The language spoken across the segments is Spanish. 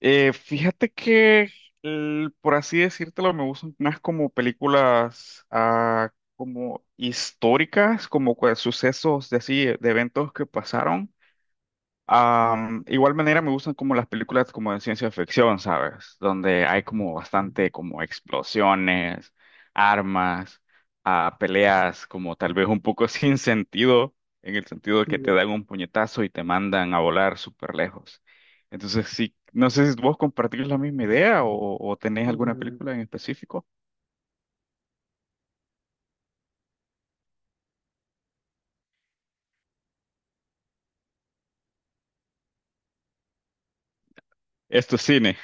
Fíjate que, por así decírtelo, me gustan más como películas como históricas, como sucesos de así, de eventos que pasaron. Igual manera me gustan como las películas como de ciencia ficción, ¿sabes? Donde hay como bastante como explosiones, armas, peleas como tal vez un poco sin sentido, en el sentido de que te Sí. dan un puñetazo y te mandan a volar súper lejos. Entonces sí, no sé si vos compartís la misma idea o tenés alguna película en específico. Esto es cine,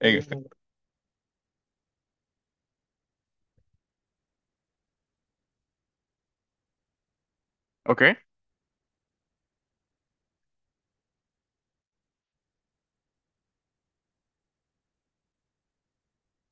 en este. ¿Ok?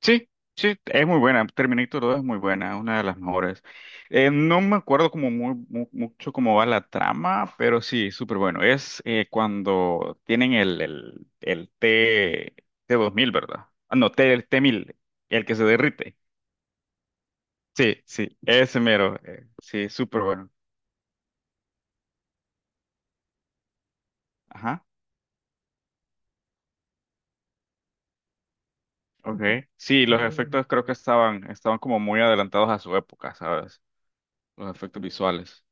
Sí, sí, es muy buena. Terminator dos es muy buena, es una de las mejores. No me acuerdo como mucho cómo va la trama, pero sí, súper bueno. Es cuando tienen el T, t mil, ¿verdad? Ah, no, T, el t mil, el que se derrite. Sí, sí, ese mero. Sí, súper bueno. Ajá, ok. Sí, los efectos creo que estaban como muy adelantados a su época, ¿sabes? Los efectos visuales.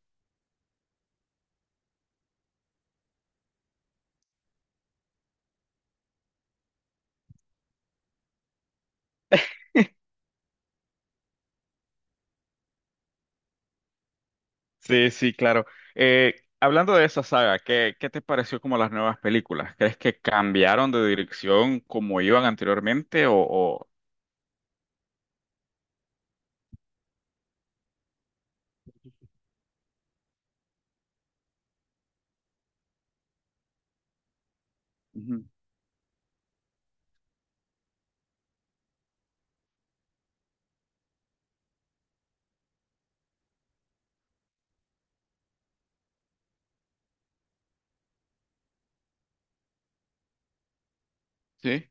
Sí, sí, claro. Hablando de esa saga, ¿qué te pareció como las nuevas películas? ¿Crees que cambiaron de dirección como iban anteriormente o- Ujú. Sí,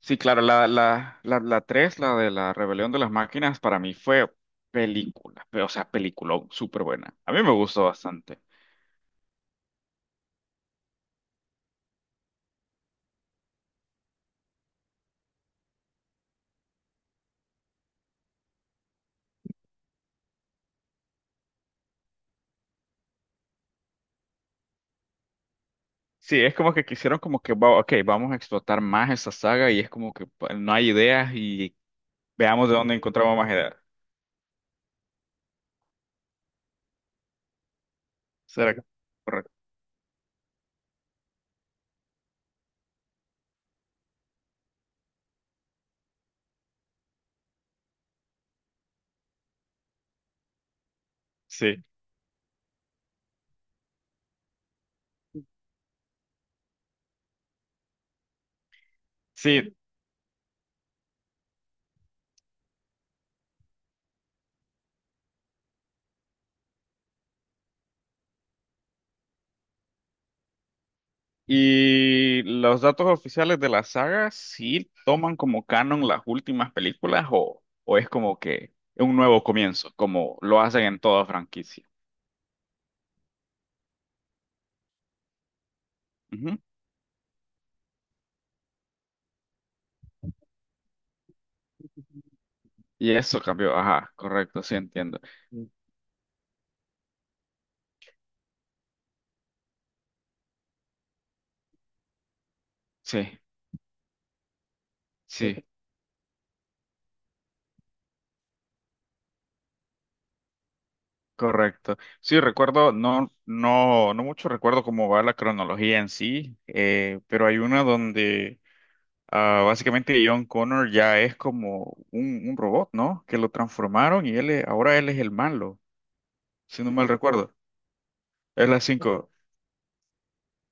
sí, claro, la 3, la de la rebelión de las máquinas, para mí fue película, pero, o sea, peliculón, súper buena. A mí me gustó bastante. Sí, es como que quisieron como que, ok, vamos a explotar más esa saga y es como que no hay ideas y veamos de dónde encontramos más ideas. ¿Será que- correcto? Sí. Sí, y los datos oficiales de la saga sí toman como canon las últimas películas o es como que un nuevo comienzo, como lo hacen en toda franquicia. Ujú. Y eso cambió, ajá, correcto, sí entiendo. Mm, sí, ok. Sí, correcto. Sí, recuerdo, no, no mucho recuerdo cómo va la cronología en sí, pero hay una donde básicamente John Connor ya es como un robot, ¿no? Que lo transformaron y ahora él es el malo. Si no mal recuerdo. Es las cinco.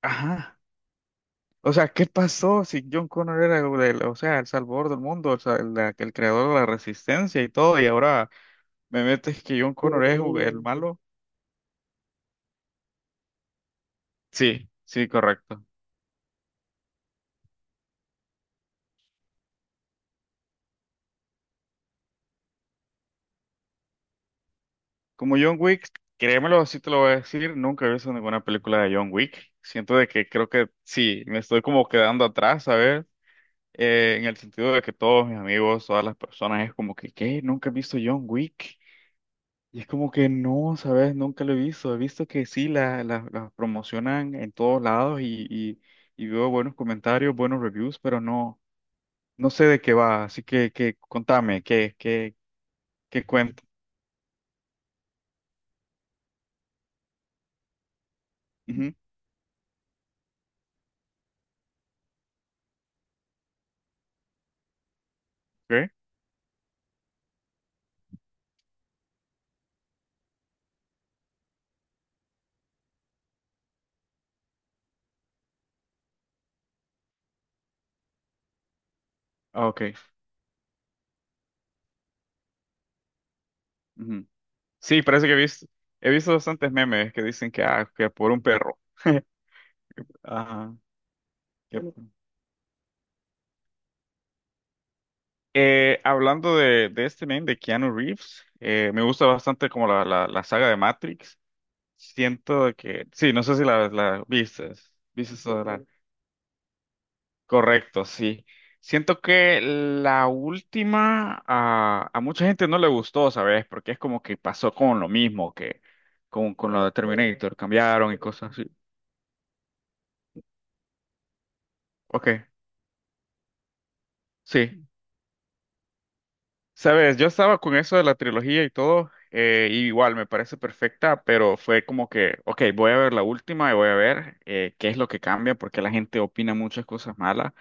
Ajá. O sea, ¿qué pasó si John Connor era, o sea, el salvador del mundo, o sea, el creador de la resistencia y todo, y ahora me metes que John Connor es el malo? Sí, sí, correcto. Como John Wick, créemelo, así te lo voy a decir, nunca he visto ninguna película de John Wick. Siento de que creo que sí, me estoy como quedando atrás, ¿sabes? En el sentido de que todos mis amigos, todas las personas, es como que, ¿qué? Nunca he visto John Wick. Y es como que no, ¿sabes? Nunca lo he visto. He visto que sí, las promocionan en todos lados y veo buenos comentarios, buenos reviews, pero no, no sé de qué va. Así que contame, ¿qué cuento Ujú, ¿qué? Ah, ok. Ujú. Sí, parece que he visto bastantes memes que dicen que, que por un perro. Ajá. Que hablando de este meme de Keanu Reeves, me gusta bastante como la saga de Matrix. Siento que, sí, no sé si la viste, viste Solar. Correcto, sí. Siento que la última a mucha gente no le gustó, ¿sabes? Porque es como que pasó con lo mismo que con lo de Terminator, cambiaron y cosas así. Ok, sí. Sabes, yo estaba con eso de la trilogía y todo, y igual me parece perfecta, pero fue como que, ok, voy a ver la última y voy a ver qué es lo que cambia, porque la gente opina muchas cosas malas.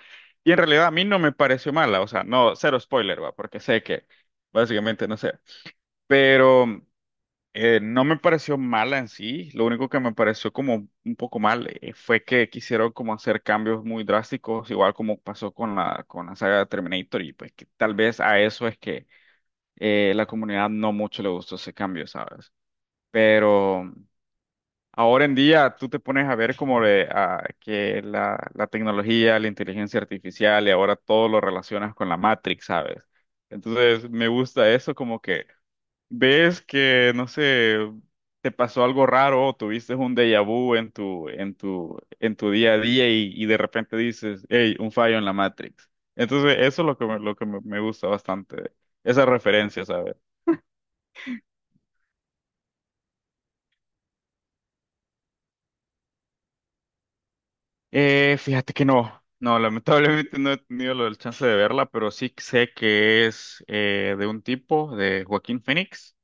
Y en realidad a mí no me pareció mala, o sea, no, cero spoiler, va, porque sé que básicamente no sé, pero no me pareció mala en sí, lo único que me pareció como un poco mal fue que quisieron como hacer cambios muy drásticos, igual como pasó con la saga de Terminator, y pues que tal vez a eso es que la comunidad no mucho le gustó ese cambio, ¿sabes? Pero ahora en día tú te pones a ver como de, que la tecnología, la inteligencia artificial y ahora todo lo relacionas con la Matrix, ¿sabes? Entonces me gusta eso como que ves que, no sé, te pasó algo raro o tuviste un déjà vu en tu día a día y de repente dices, hey, un fallo en la Matrix. Entonces eso es lo que, lo que me gusta bastante, esa referencia, ¿sabes? Fíjate que no, no, lamentablemente no he tenido la chance de verla, pero sí sé que es de un tipo, de Joaquín Phoenix,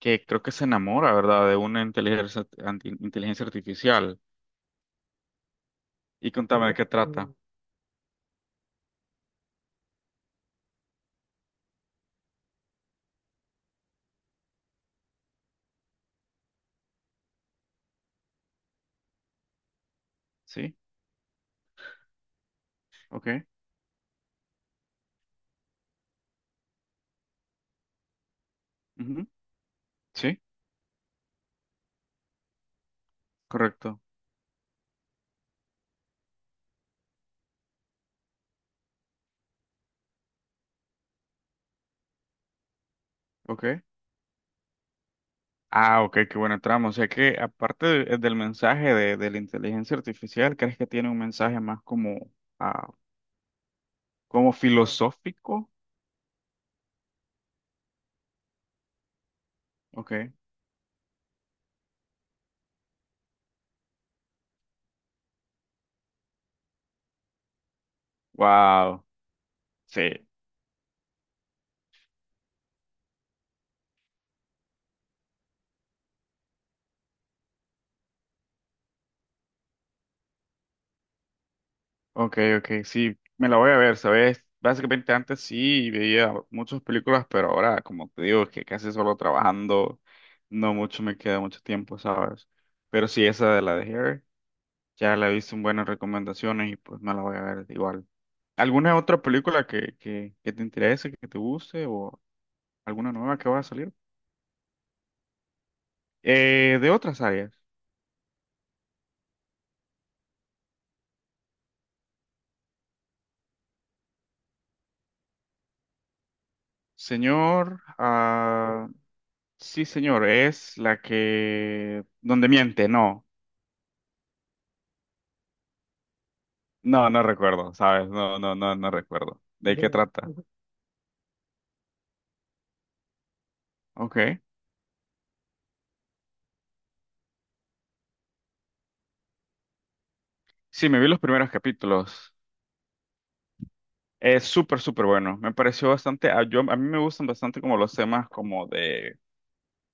que creo que se enamora, ¿verdad?, de una inteligencia, inteligencia artificial. Y contame de qué trata. ¿Sí? ¿Ok? Ujú. ¿Sí? Correcto. ¿Ok? Ah, ok, qué buena trama. O sea que aparte del mensaje de la inteligencia artificial, ¿crees que tiene un mensaje más como, ah, como filosófico? Ok. Wow. Sí. Ok, ok, sí, me la voy a ver, ¿sabes? Básicamente antes sí veía muchas películas, pero ahora, como te digo, es que casi solo trabajando, no mucho me queda mucho tiempo, ¿sabes? Pero sí, esa de la de Hair, ya la he visto en buenas recomendaciones y pues me la voy a ver igual. ¿Alguna otra película que, que te interese, que te guste o alguna nueva que vaya a salir? De otras áreas. Señor, ah, sí, señor, es la que... donde miente, no. No, no recuerdo, ¿sabes? No, no recuerdo. ¿De qué trata? Ok. Sí, me vi los primeros capítulos. Es súper, súper bueno. Me pareció bastante, a, yo, a mí me gustan bastante como los temas como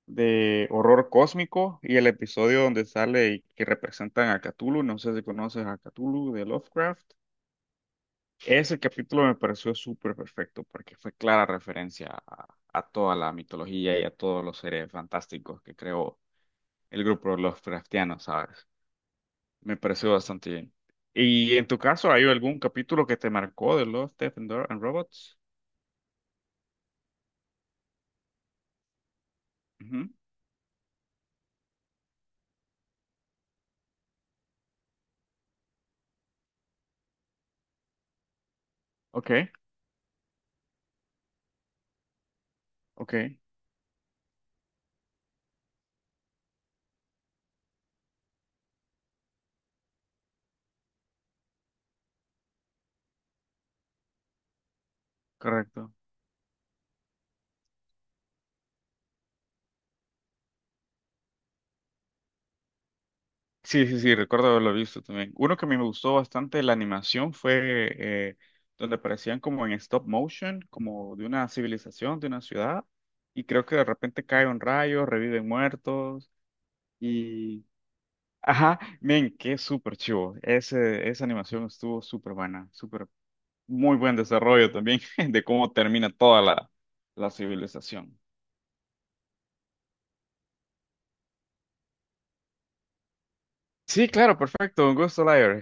de horror cósmico y el episodio donde sale y que representan a Cthulhu. No sé si conoces a Cthulhu de Lovecraft. Ese capítulo me pareció súper perfecto porque fue clara referencia a toda la mitología y a todos los seres fantásticos que creó el grupo Lovecraftiano, ¿sabes? Me pareció bastante bien. ¿Y en tu caso, hay algún capítulo que te marcó de Love, Death and Robots? Ujú. Ok, ok, correcto. Sí, sí, sí, recuerdo haberlo visto también. Uno que a mí me gustó bastante la animación fue eh, donde aparecían como en stop motion, como de una civilización, de una ciudad, y creo que de repente cae un rayo, reviven muertos, y... Ajá, men, qué súper chivo. Ese, esa animación estuvo súper buena, súper muy buen desarrollo también de cómo termina toda la, la civilización. Sí, claro, perfecto. Un gusto, Lyra.